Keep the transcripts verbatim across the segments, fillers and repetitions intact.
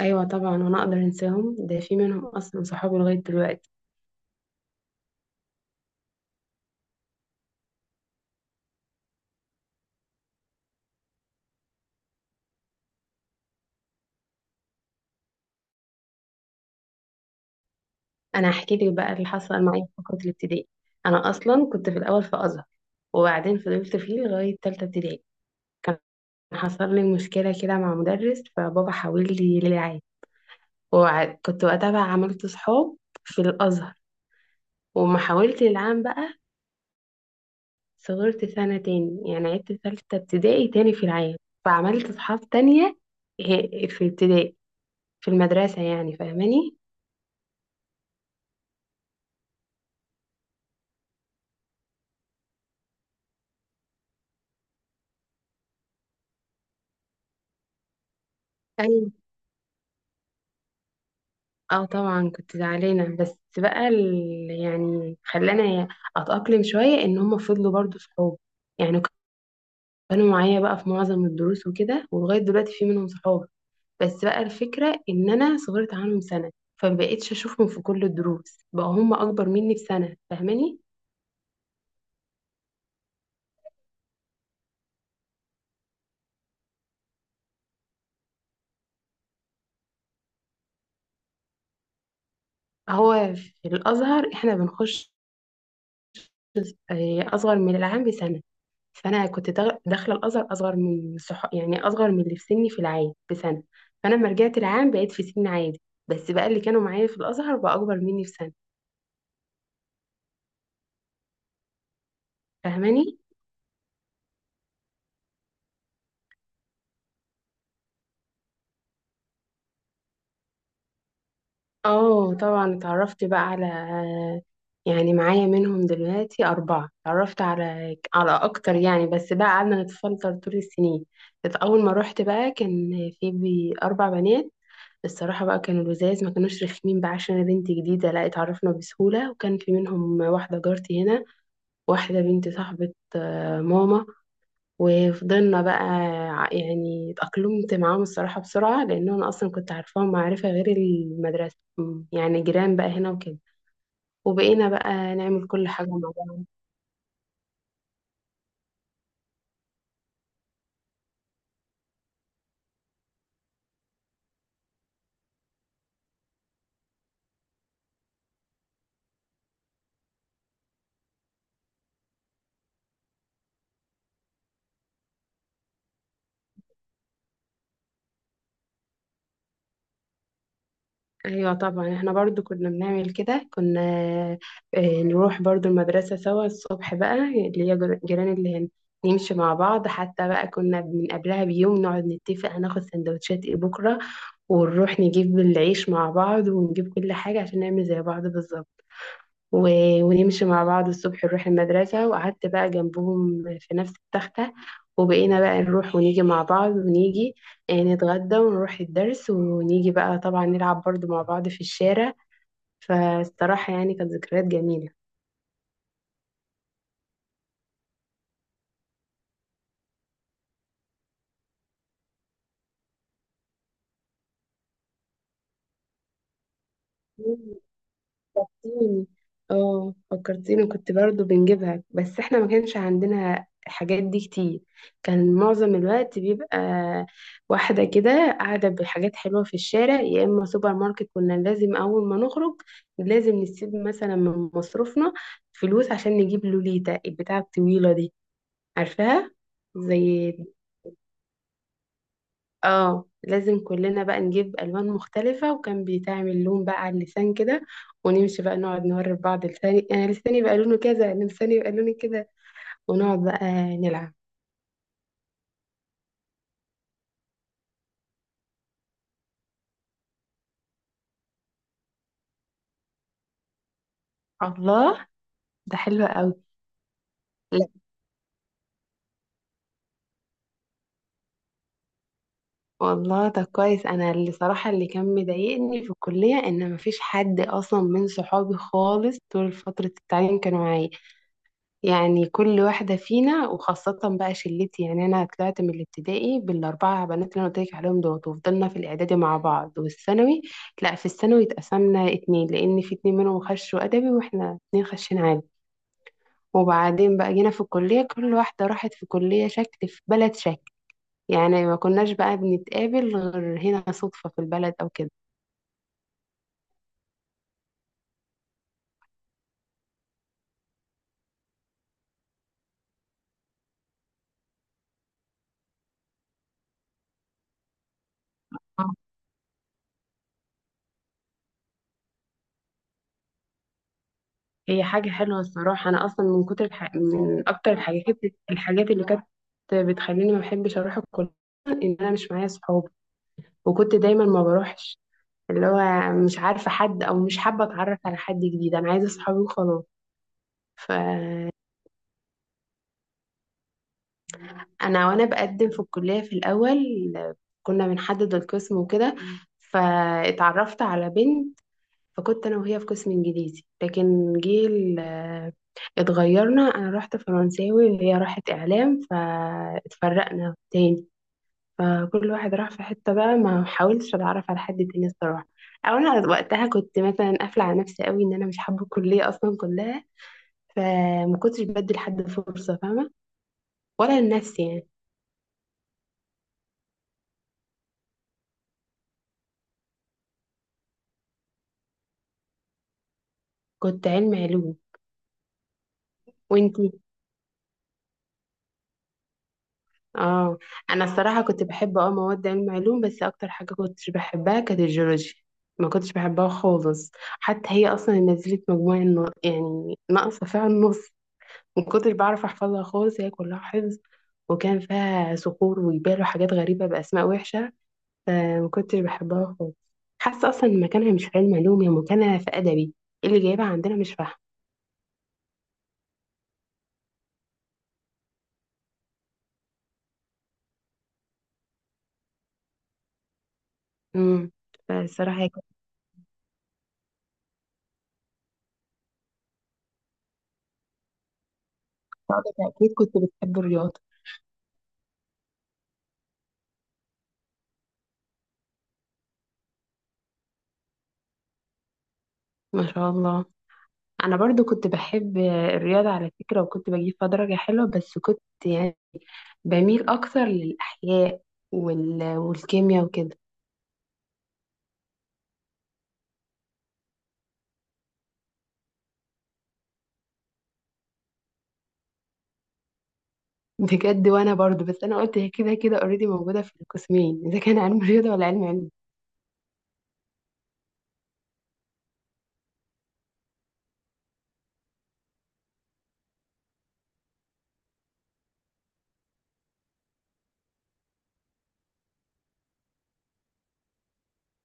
ايوه، طبعا. وانا اقدر انساهم؟ ده في منهم اصلا صحابي لغايه دلوقتي. انا هحكي لك بقى اللي حصل معايا في فتره الابتدائي. انا اصلا كنت في الاول في ازهر، وبعدين فضلت فيه لغايه تالته ابتدائي. حصل لي مشكله كده مع مدرس، فبابا حاول لي للعام، وكنت وقتها بقى عملت صحاب في الازهر، وما حاولت للعام بقى. صغرت سنه تاني، يعني عدت تالته ابتدائي تاني في العام، فعملت صحاب تانية في ابتدائي، في المدرسه يعني، فاهماني؟ اه، طبعا كنت زعلانة، بس بقى ال- يعني خلاني اتأقلم شوية ان هم فضلوا برضو صحاب، يعني كانوا معايا بقى في معظم الدروس وكده، ولغاية دلوقتي في منهم صحاب. بس بقى الفكرة ان انا صغرت عنهم سنة، فمبقتش اشوفهم في كل الدروس بقى، هم اكبر مني بسنة، فاهماني؟ هو في الازهر احنا بنخش آه، اصغر من العام بسنة. فانا كنت داغ- داخله الازهر اصغر من صح... يعني اصغر من اللي في سني في العام بسنه. فانا لما رجعت العام بقيت في سن عادي، بس بقى اللي كانوا معايا في الازهر بقى اكبر مني بسنه، فاهماني؟ اه، طبعا اتعرفت بقى على، يعني معايا منهم دلوقتي أربعة، اتعرفت على على أكتر يعني، بس بقى قعدنا نتفلتر طول السنين. بس أول ما روحت بقى كان في بي- أربع بنات. الصراحة بقى كانوا لزاز، ما كانوش رخمين بقى، عشان أنا بنت جديدة لا اتعرفنا بسهولة، وكان في منهم واحدة جارتي هنا، واحدة بنت صاحبة آه، ماما. وفضلنا بقى، ع- يعني اتأقلمت معاهم الصراحة بسرعة، لأن أنا أصلا كنت عارفاهم معرفة غير المدرسة، م، يعني جيران بقى هنا وكده. وبقينا بقى نعمل كل حاجة مع بعض. أيوة طبعا، احنا برضو كنا بنعمل كده، كنا آه، نروح برضو المدرسة سوا الصبح، بقى اللي هي جر- جيران اللي هنا. نمشي مع بعض، حتى بقى كنا من قبلها بيوم نقعد نتفق هناخد سندوتشات ايه بكرة، ونروح نجيب العيش مع بعض، ونجيب كل حاجة عشان نعمل زي بعض بالظبط. و... ونمشي مع بعض الصبح نروح المدرسة، وقعدت بقى جنبهم في نفس التختة. وبقينا بقى نروح ونيجي مع بعض، ونيجي آه، نتغدى ونروح الدرس، ونيجي بقى طبعا نلعب برضو مع بعض في الشارع. فالصراحة يعني كانت ذكريات جميلة. فكرتيني اه فكرتيني، كنت برضو بنجيبها، بس احنا ما كانش عندنا الحاجات دي كتير. كان معظم الوقت بيبقى واحدة كده قاعدة بحاجات حلوة في الشارع، يا إما سوبر ماركت. كنا لازم أول ما نخرج، لازم نسيب مثلا من مصروفنا فلوس عشان نجيب لوليتا البتاعة الطويلة دي، عارفاها؟ زي اه لازم كلنا بقى نجيب ألوان مختلفة، وكان بيتعمل لون بقى على اللسان كده، ونمشي بقى نقعد نوري بعض لساني، أنا لساني يبقى لونه كذا، لساني يبقى لوني كده، ونقعد بقى نلعب. الله، ده حلو قوي. لا، والله ده كويس، أنا اللي صراحة اللي كان مضايقني في الكلية إن مفيش حد أصلا من صحابي خالص طول فترة التعليم كانوا معايا. يعني كل واحدة فينا، وخاصة بقى شلتي، يعني أنا طلعت من الابتدائي بالأربعة بنات اللي أنا قلت لك عليهم دول، وفضلنا في الإعدادي مع بعض والثانوي. لا، في الثانوي اتقسمنا اتنين، لأن في اتنين منهم خشوا أدبي، وإحنا اتنين خشين عادي. وبعدين بقى جينا في الكلية، كل واحدة راحت في كلية شكل في بلد شكل، يعني ما كناش بقى بنتقابل غير هنا صدفة في البلد أو كده. هي حاجة حلوة الصراحة، أنا أصلا من كتر الح... من أكتر الحاجات، الحاجات اللي كانت بتخليني ما بحبش أروح الكلية، إن أنا مش معايا صحاب، وكنت دايما ما بروحش، اللي هو مش عارفة حد أو مش حابة أتعرف على حد جديد، أنا عايزة صحابي وخلاص. فأنا وأنا بقدم في الكلية في الأول، كنا بنحدد القسم وكده، فاتعرفت على بنت، فكنت انا وهي في قسم انجليزي، لكن جه ال- اتغيرنا، انا رحت فرنساوي وهي راحت اعلام، فاتفرقنا تاني، فكل واحد راح في حتة بقى، ما حاولتش اتعرف على حد تاني الصراحة، او انا وقتها كنت مثلا قافلة على نفسي قوي ان انا مش حابة الكلية اصلا كلها، فما كنتش بدي لحد فرصة فاهمة، ولا لنفسي يعني. كنت علم علوم. وانتي؟ اه، انا الصراحه كنت بحب اه مواد علم علوم، بس اكتر حاجه كنتش بحبها كانت الجيولوجيا، ما كنتش بحبها خالص، حتى هي اصلا نزلت مجموعه الن- يعني ناقصه فيها النص، ما كنتش بعرف احفظها خالص، هي كلها حفظ، وكان فيها صخور وجبال وحاجات غريبه باسماء وحشه، فما كنتش بحبها خالص، حاسه اصلا إن مكانها مش في علم علوم، هي مكانها في ادبي، إيه اللي جايبها عندنا مش فاهمه. امم فالصراحه هي كانت صعبة. اكيد كنت بتحب الرياضه. ما شاء الله، انا برضو كنت بحب الرياضة على فكرة، وكنت بجيب فيها درجة حلوة، بس كنت يعني بميل اكتر للاحياء وال... والكيمياء وكده. بجد، وانا برضو، بس انا قلت هي كده كده اوريدي موجودة في القسمين، اذا كان علم رياضة ولا علم علم.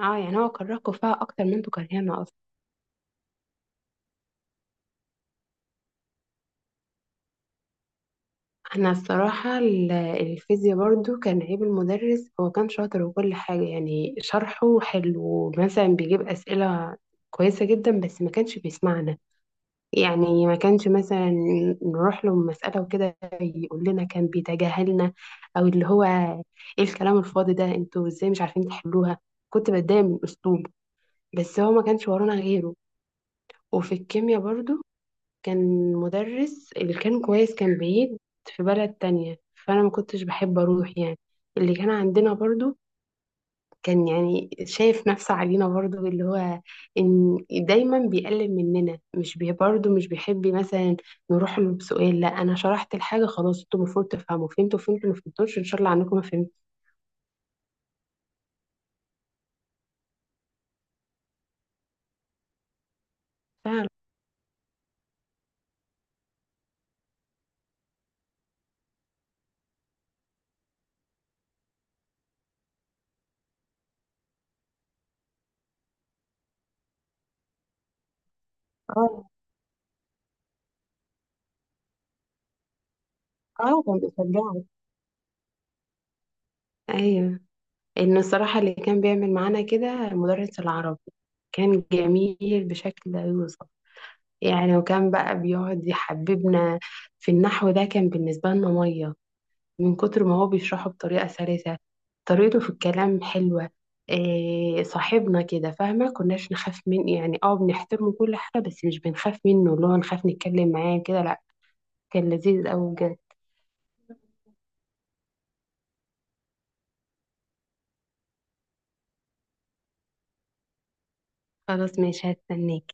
اه، يعني هو كرهكم فيها اكتر من انتوا كرهانا اصلا. انا الصراحة ال- الفيزياء برضو كان عيب المدرس، هو كان شاطر وكل حاجة، يعني شرحه حلو، مثلا بيجيب اسئلة كويسة جدا، بس ما كانش بيسمعنا، يعني ما كانش مثلا نروح له مسألة وكده يقول لنا، كان بيتجاهلنا، او اللي هو: ايه الكلام الفاضي ده، انتوا ازاي مش عارفين تحلوها. كنت بتضايق من اسلوبه، بس هو ما كانش ورانا غيره. وفي الكيمياء برضو، كان مدرس اللي كان كويس كان بعيد في بلد تانية، فانا ما كنتش بحب اروح يعني، اللي كان عندنا برضو كان يعني شايف نفسه علينا برضو، اللي هو ان دايما بيقلل مننا، مش بي برضو مش بيحب مثلا نروح له بسؤال، لا انا شرحت الحاجه خلاص، انتوا المفروض تفهموا، فهمتوا فهمتوا، ما فهمتوش ان شاء الله عنكم ما فهمتوا. فعلا. اه. اه، كان بيشجعك. ايوه، ان الصراحه اللي كان بيعمل معانا كده مدرس العربي، كان جميل بشكل لا يوصف، يعني وكان بقى بيقعد يحببنا في النحو ده، كان بالنسبه لنا ميه، من كتر ما هو بيشرحه بطريقة سلسة، طريقته في الكلام حلوة، إيه صاحبنا كده، فاهمة كناش نخاف من يعني اه بنحترمه كل حاجة، بس مش بنخاف منه، اللي هو نخاف نتكلم معاه كده، لا. كان لذيذ أوي بجد. خلاص، ماشي، هستناك.